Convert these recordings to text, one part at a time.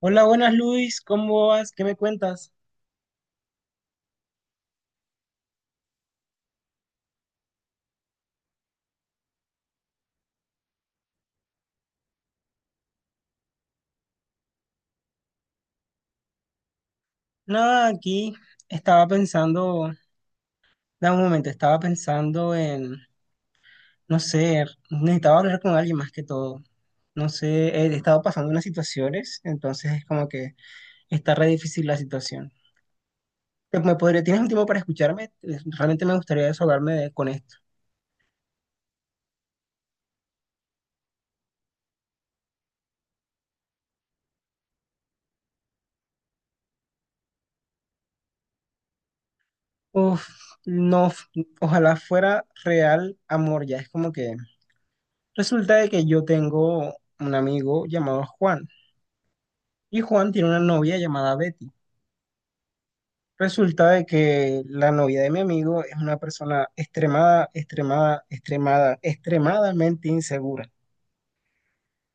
Hola, buenas Luis, ¿cómo vas? ¿Qué me cuentas? Nada, aquí estaba pensando, da un momento, estaba pensando en, no sé, necesitaba hablar con alguien más que todo. No sé, he estado pasando unas situaciones, entonces es como que está re difícil la situación. ¿Me podría, tienes un tiempo para escucharme? Realmente me gustaría con esto. Uf, no, ojalá fuera real amor, ya es como que resulta de que yo tengo un amigo llamado Juan. Y Juan tiene una novia llamada Betty. Resulta de que la novia de mi amigo es una persona extremadamente insegura.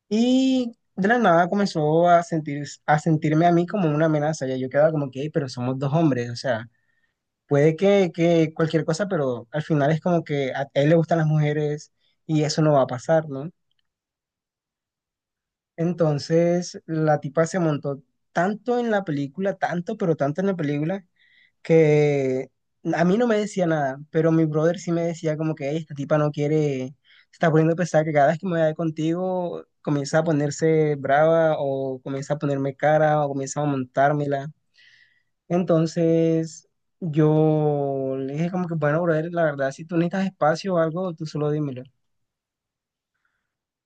Y de la nada comenzó a sentir, a sentirme a mí como una amenaza. Ya yo quedaba como que: "Ey, pero somos dos hombres, o sea, puede que cualquier cosa, pero al final es como que a él le gustan las mujeres y eso no va a pasar, ¿no?". Entonces la tipa se montó tanto en la película, tanto, pero tanto en la película, que a mí no me decía nada, pero mi brother sí me decía como que: "Ey, esta tipa no quiere, se está poniendo pesada, que cada vez que me vaya contigo comienza a ponerse brava o comienza a ponerme cara o comienza a montármela". Entonces yo le dije como que: bueno, brother, la verdad, si tú necesitas espacio o algo, tú solo dímelo.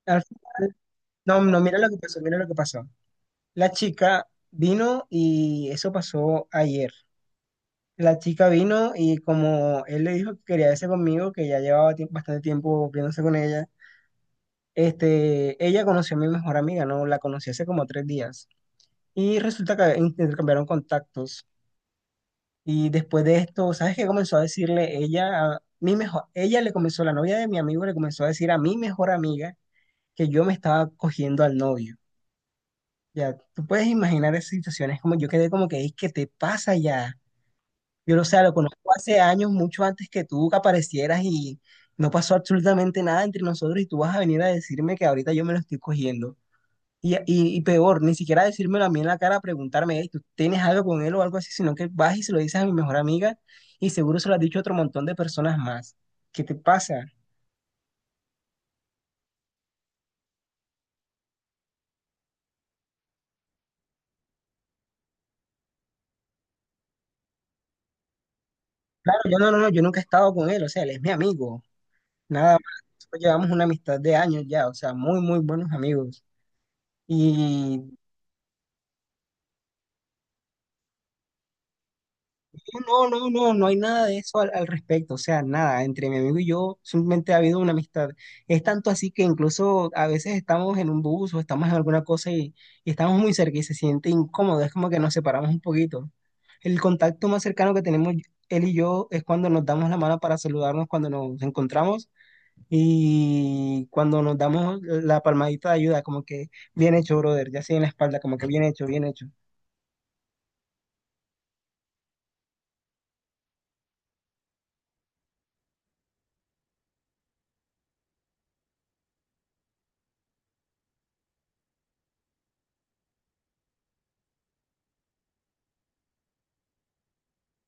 Al final, no, no, mira lo que pasó, mira lo que pasó. La chica vino y eso pasó ayer. La chica vino y como él le dijo que quería verse conmigo, que ya llevaba bastante tiempo viéndose con ella, este, ella conoció a mi mejor amiga, ¿no? La conocí hace como 3 días. Y resulta que intercambiaron contactos. Y después de esto, ¿sabes qué comenzó a decirle ella? Mi mejor, ella le comenzó, la novia de mi amigo le comenzó a decir a mi mejor amiga que yo me estaba cogiendo al novio. Ya, tú puedes imaginar esas situaciones, como yo quedé como que: "Ey, ¿qué te pasa ya? Yo lo sé, lo conozco hace años, mucho antes que tú que aparecieras y no pasó absolutamente nada entre nosotros y tú vas a venir a decirme que ahorita yo me lo estoy cogiendo. Y peor, ni siquiera decírmelo a mí en la cara, preguntarme: 'Ey, ¿tú tienes algo con él o algo así?'. Sino que vas y se lo dices a mi mejor amiga y seguro se lo has dicho a otro montón de personas más. ¿Qué te pasa?". Claro, yo no, yo nunca he estado con él, o sea, él es mi amigo, nada más. Nosotros llevamos una amistad de años ya, o sea, muy, muy buenos amigos. Y no, no, no, no hay nada de eso al respecto, o sea, nada, entre mi amigo y yo simplemente ha habido una amistad. Es tanto así que incluso a veces estamos en un bus o estamos en alguna cosa y estamos muy cerca y se siente incómodo, es como que nos separamos un poquito. El contacto más cercano que tenemos él y yo es cuando nos damos la mano para saludarnos cuando nos encontramos y cuando nos damos la palmadita de ayuda, como que bien hecho, brother, ya así en la espalda, como que bien hecho, bien hecho.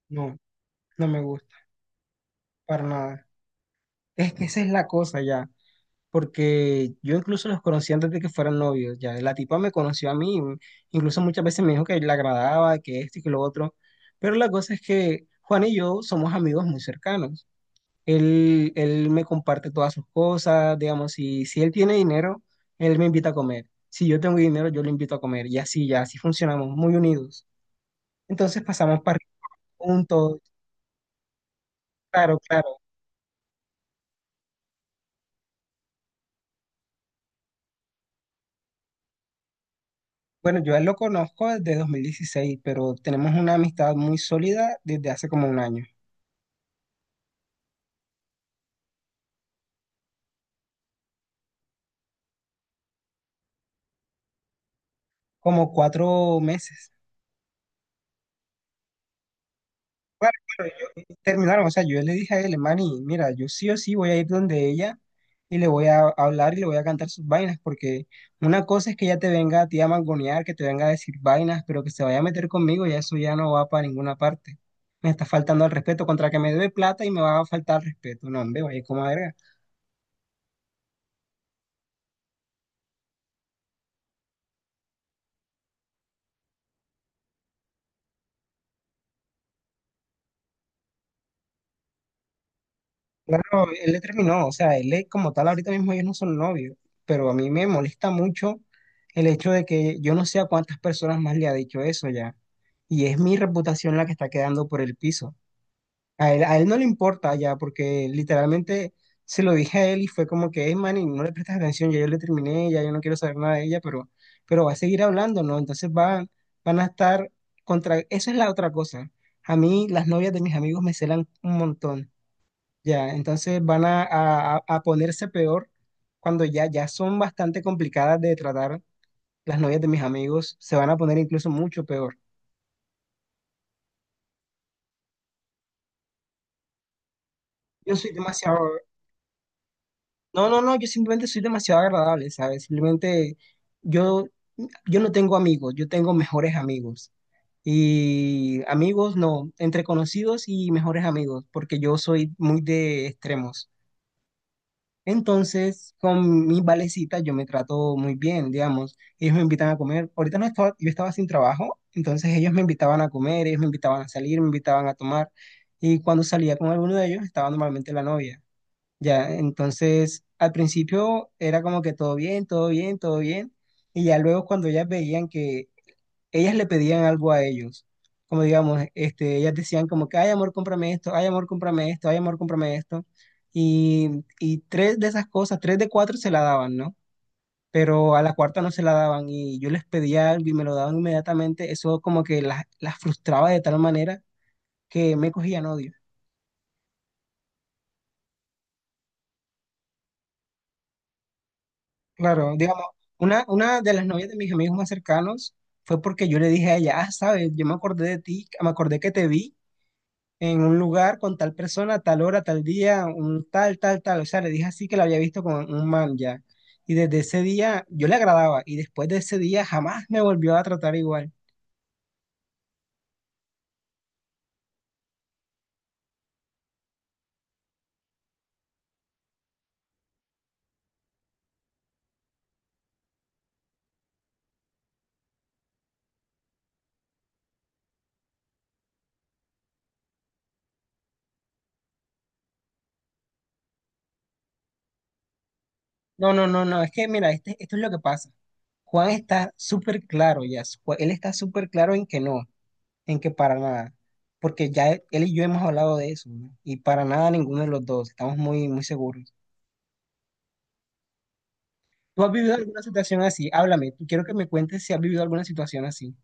No, no me gusta, para nada. Es que esa es la cosa ya, porque yo incluso los conocí antes de que fueran novios, ya la tipa me conoció a mí, incluso muchas veces me dijo que le agradaba, que esto y que lo otro, pero la cosa es que Juan y yo somos amigos muy cercanos, él me comparte todas sus cosas, digamos, si él tiene dinero, él me invita a comer, si yo tengo dinero, yo le invito a comer, y así, ya así funcionamos, muy unidos, entonces pasamos para juntos, claro, claro. Bueno, yo a él lo conozco desde 2016, pero tenemos una amistad muy sólida desde hace como un año. Como 4 meses. Claro, claro, terminaron, o sea, yo le dije a él: Manny, mira, yo sí o sí voy a ir donde ella y le voy a hablar y le voy a cantar sus vainas, porque una cosa es que ella te venga a ti a mangonear, que te venga a decir vainas, pero que se vaya a meter conmigo, ya eso ya no va para ninguna parte. Me está faltando el respeto, contra que me debe plata y me va a faltar el respeto. No, hombre, vaya como verga. Claro, él le terminó, o sea, él le como tal ahorita mismo ellos no son novios, pero a mí me molesta mucho el hecho de que yo no sé a cuántas personas más le ha dicho eso ya, y es mi reputación la que está quedando por el piso. A él no le importa ya, porque literalmente se lo dije a él y fue como que: es man, y no le prestas atención, ya yo le terminé, ya yo no quiero saber nada de ella, pero va a seguir hablando, ¿no? Entonces van, van a estar contra, esa es la otra cosa. A mí las novias de mis amigos me celan un montón. Ya, entonces van a ponerse peor cuando ya, ya son bastante complicadas de tratar las novias de mis amigos, se van a poner incluso mucho peor. Yo soy demasiado, no, no, no, yo simplemente soy demasiado agradable, ¿sabes? Simplemente yo, yo no tengo amigos, yo tengo mejores amigos. Y amigos no, entre conocidos y mejores amigos, porque yo soy muy de extremos. Entonces, con mis valecitas yo me trato muy bien, digamos. Ellos me invitan a comer. Ahorita no estaba, yo estaba sin trabajo, entonces ellos me invitaban a comer, ellos me invitaban a salir, me invitaban a tomar. Y cuando salía con alguno de ellos estaba normalmente la novia. Ya, entonces al principio era como que todo bien, todo bien, todo bien. Y ya luego cuando ellas veían que ellas le pedían algo a ellos. Como digamos, este, ellas decían como que: ay amor, cómprame esto; ay amor, cómprame esto; ay amor, cómprame esto. Y tres de esas cosas, tres de cuatro se la daban, ¿no? Pero a la cuarta no se la daban y yo les pedía algo y me lo daban inmediatamente. Eso como que las frustraba de tal manera que me cogían odio. Claro, digamos, una de las novias de mis amigos más cercanos fue porque yo le dije a ella: ah, sabes, yo me acordé de ti, me acordé que te vi en un lugar con tal persona, tal hora, tal día, un tal, tal, tal. O sea, le dije así que la había visto con un man ya. Y desde ese día yo le agradaba y después de ese día jamás me volvió a tratar igual. No, es que mira, este, esto es lo que pasa. Juan está súper claro ya, él está súper claro en que no, en que para nada, porque ya él y yo hemos hablado de eso, ¿no? Y para nada ninguno de los dos, estamos muy, muy seguros. ¿Tú has vivido alguna situación así? Háblame, tú quiero que me cuentes si has vivido alguna situación así.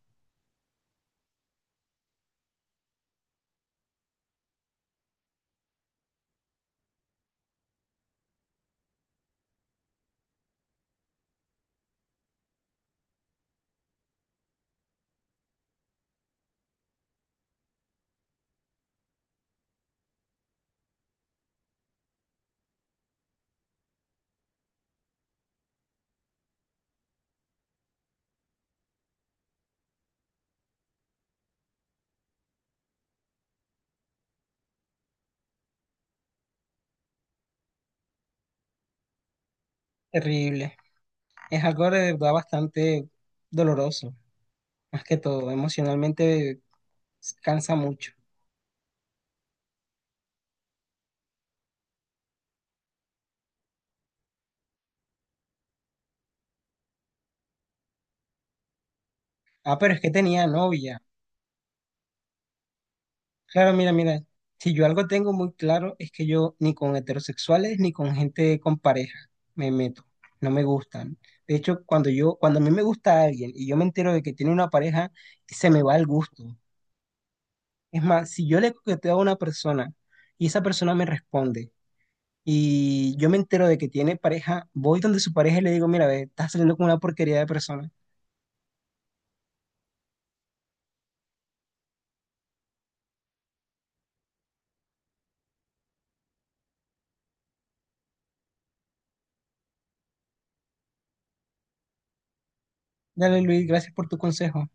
Terrible. Es algo de verdad bastante doloroso, más que todo, emocionalmente cansa mucho. Ah, pero es que tenía novia. Claro, mira, mira, si yo algo tengo muy claro es que yo ni con heterosexuales ni con gente con pareja me meto, no me gustan. De hecho, cuando yo, cuando a mí me gusta alguien y yo me entero de que tiene una pareja, se me va el gusto. Es más, si yo le coqueteo a una persona y esa persona me responde, y yo me entero de que tiene pareja, voy donde su pareja y le digo: mira, ve, estás saliendo con una porquería de persona. Dale, Luis, gracias por tu consejo.